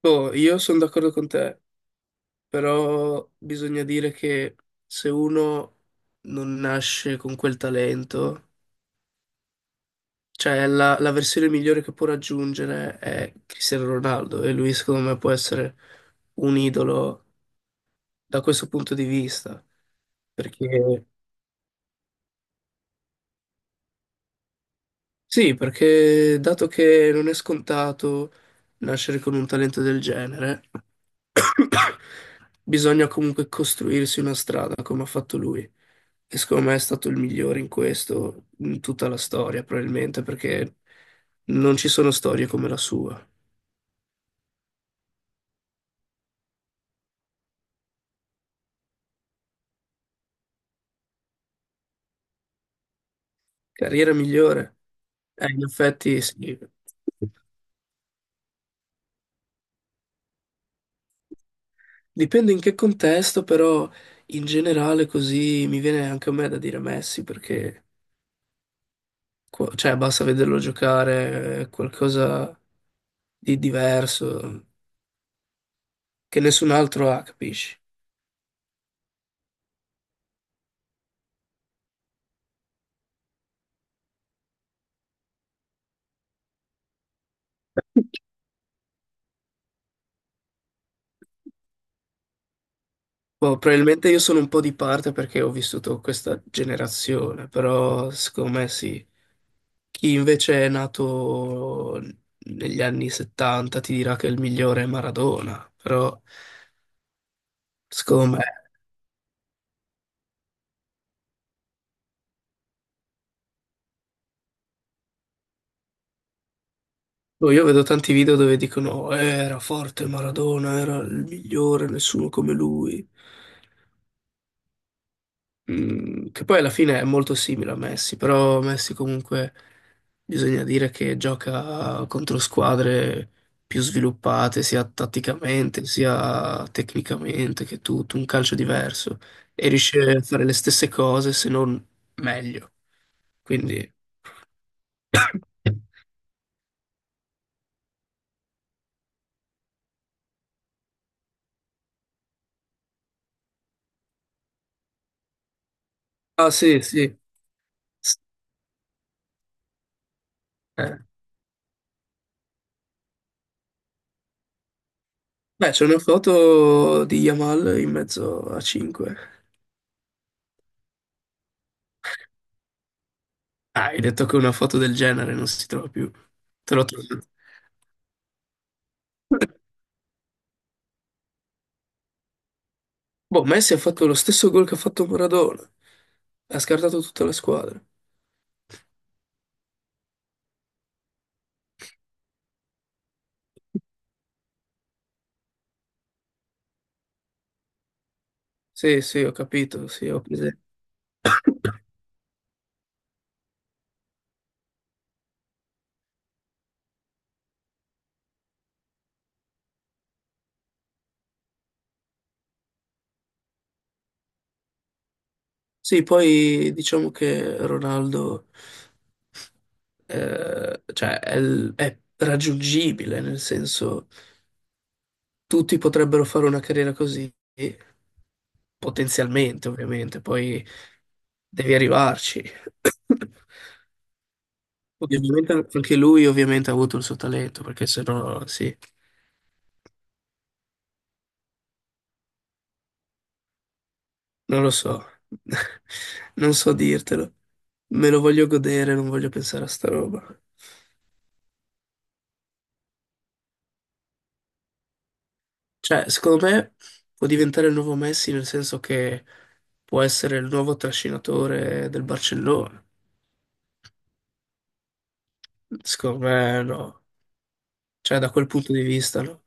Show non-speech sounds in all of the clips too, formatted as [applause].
Boh, io sono d'accordo con te, però bisogna dire che se uno non nasce con quel talento, cioè la versione migliore che può raggiungere è Cristiano Ronaldo, e lui secondo me può essere un idolo da questo punto di vista, perché... Sì, perché dato che non è scontato nascere con un talento del genere, [coughs] bisogna comunque costruirsi una strada come ha fatto lui. E secondo me è stato il migliore in questo, in tutta la storia, probabilmente, perché non ci sono storie come la sua. Carriera migliore? In effetti sì. Dipende in che contesto, però in generale così mi viene anche a me da dire Messi, perché... Cioè, basta vederlo giocare, è qualcosa di diverso che nessun altro ha, capisci? Boh, probabilmente io sono un po' di parte perché ho vissuto questa generazione, però secondo me sì. Chi invece è nato negli anni 70 ti dirà che il migliore è Maradona, però secondo me... Boh, io vedo tanti video dove dicono era forte Maradona, era il migliore, nessuno come lui". Mm, che poi alla fine è molto simile a Messi, però Messi comunque bisogna dire che gioca contro squadre più sviluppate sia tatticamente sia tecnicamente, che tutto un calcio diverso, e riesce a fare le stesse cose se non meglio. Quindi [coughs] ah sì, sì. Eh. Beh, c'è una foto di Yamal in mezzo a 5. Ah, hai detto che una foto del genere non si trova più. Te l'ho trovato. Boh, Messi ha fatto lo stesso gol che ha fatto Maradona. Ha scartato tutta la squadra. Sì, sì, ho capito, sì, ho presente. Sì, poi diciamo che Ronaldo, cioè, è, è raggiungibile, nel senso tutti potrebbero fare una carriera così, potenzialmente ovviamente, poi devi arrivarci. [coughs] Ovviamente anche lui ovviamente ha avuto il suo talento, perché sennò sì. Non lo so, [laughs] non so dirtelo. Me lo voglio godere, non voglio pensare a sta roba. Cioè, secondo me può diventare il nuovo Messi, nel senso che può essere il nuovo trascinatore del Barcellona. Secondo me no. Cioè, da quel punto di vista no.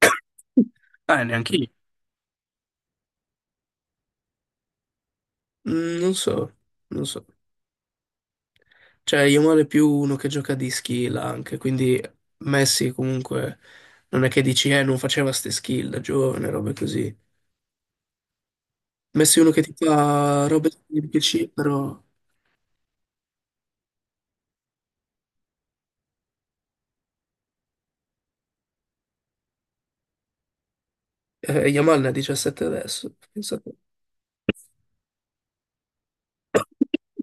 [coughs] Ah, neanche io. Mm, non so, non so. Cioè, Yamal è più uno che gioca di skill anche, quindi Messi comunque non è che dici, non faceva ste skill da giovane, robe così. Messi uno che ti fa robe di PC, però Yamal ne ha 17 adesso. Pensate. [coughs]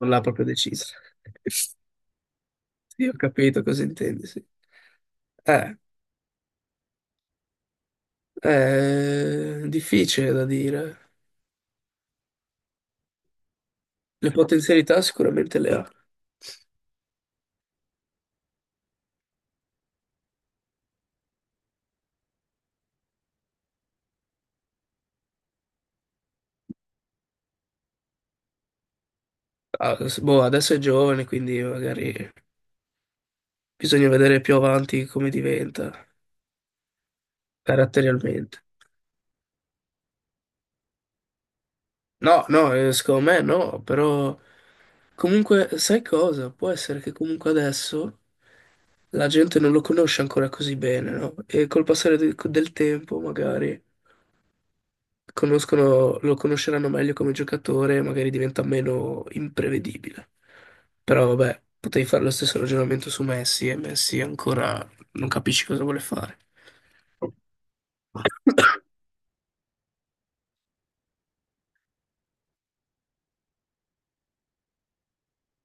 Non l'ha proprio deciso. [laughs] Sì, ho capito cosa intendi, sì. Eh, è difficile da dire. Le potenzialità sicuramente le ha. Ah, boh, adesso è giovane, quindi magari bisogna vedere più avanti come diventa caratterialmente. No, no, secondo me no, però comunque sai cosa? Può essere che comunque adesso la gente non lo conosce ancora così bene, no? E col passare del tempo, magari lo conosceranno meglio come giocatore, magari diventa meno imprevedibile. Però vabbè, potevi fare lo stesso ragionamento su Messi, e Messi ancora non capisci cosa vuole fare.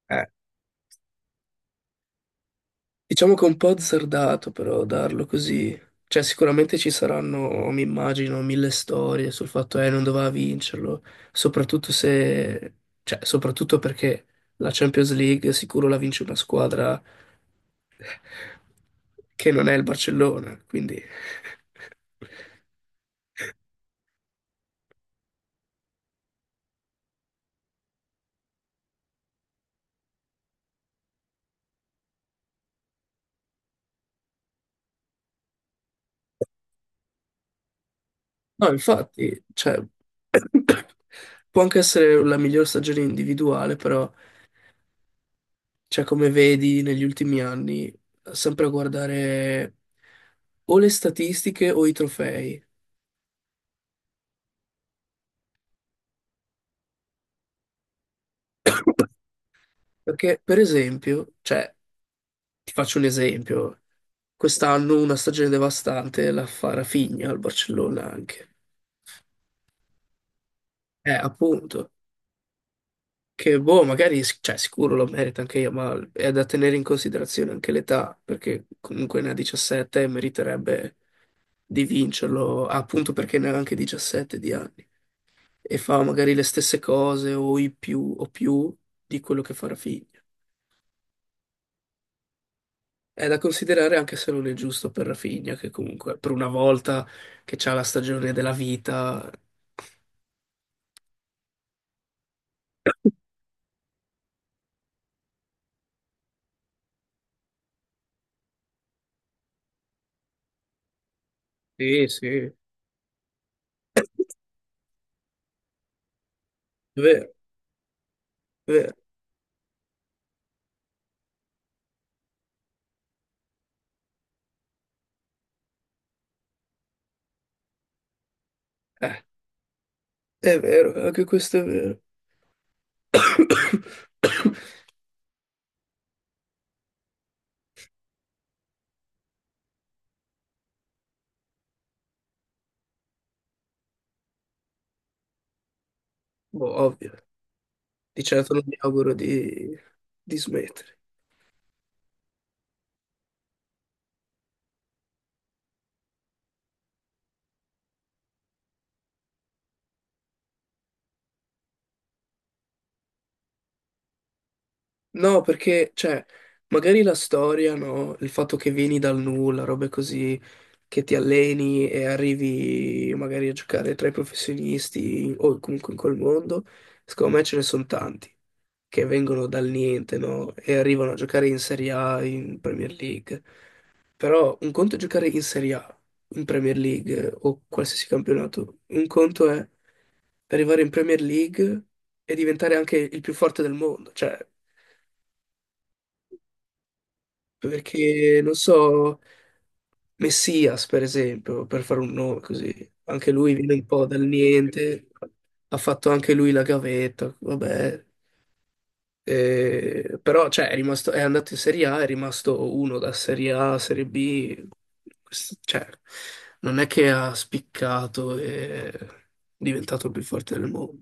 Eh. Diciamo che è un po' azzardato però darlo così. Cioè, sicuramente ci saranno, mi immagino, mille storie sul fatto che non doveva vincerlo, soprattutto se, cioè, soprattutto perché la Champions League sicuro la vince una squadra che non è il Barcellona, quindi [laughs] no, infatti, cioè, [coughs] [clears throat] può anche essere la miglior stagione individuale, però cioè, come vedi negli ultimi anni, sempre a guardare o le statistiche o i trofei. [coughs] Perché, per esempio, cioè, ti faccio un esempio, quest'anno una stagione devastante la fa Rafinha al Barcellona anche. Appunto, che boh, magari, cioè, sicuro lo merita anche io, ma è da tenere in considerazione anche l'età, perché comunque ne ha 17 e meriterebbe di vincerlo, appunto perché ne ha anche 17 di anni. E fa magari le stesse cose o i più o più di quello che fa Rafinha. È da considerare anche se non è giusto per Rafinha, che comunque per una volta che c'ha la stagione della vita. [laughs] Sì, sì, è vero, è vero. Eh, è vero, anche questo è vero. [coughs] Boh, ovvio. Di certo non mi auguro di smettere. No, perché, cioè, magari la storia, no? Il fatto che vieni dal nulla, robe così, che ti alleni e arrivi magari a giocare tra i professionisti o comunque in quel mondo, secondo me ce ne sono tanti che vengono dal niente, no? E arrivano a giocare in Serie A, in Premier League. Però un conto è giocare in Serie A, in Premier League o qualsiasi campionato, un conto è arrivare in Premier League e diventare anche il più forte del mondo, cioè... Perché, non so, Messias, per esempio, per fare un nome così, anche lui viene un po' dal niente, ha fatto anche lui la gavetta, vabbè. Però, cioè, è rimasto, è andato in Serie A, è rimasto uno da Serie A a Serie B, cioè, non è che ha spiccato e è diventato il più forte del mondo.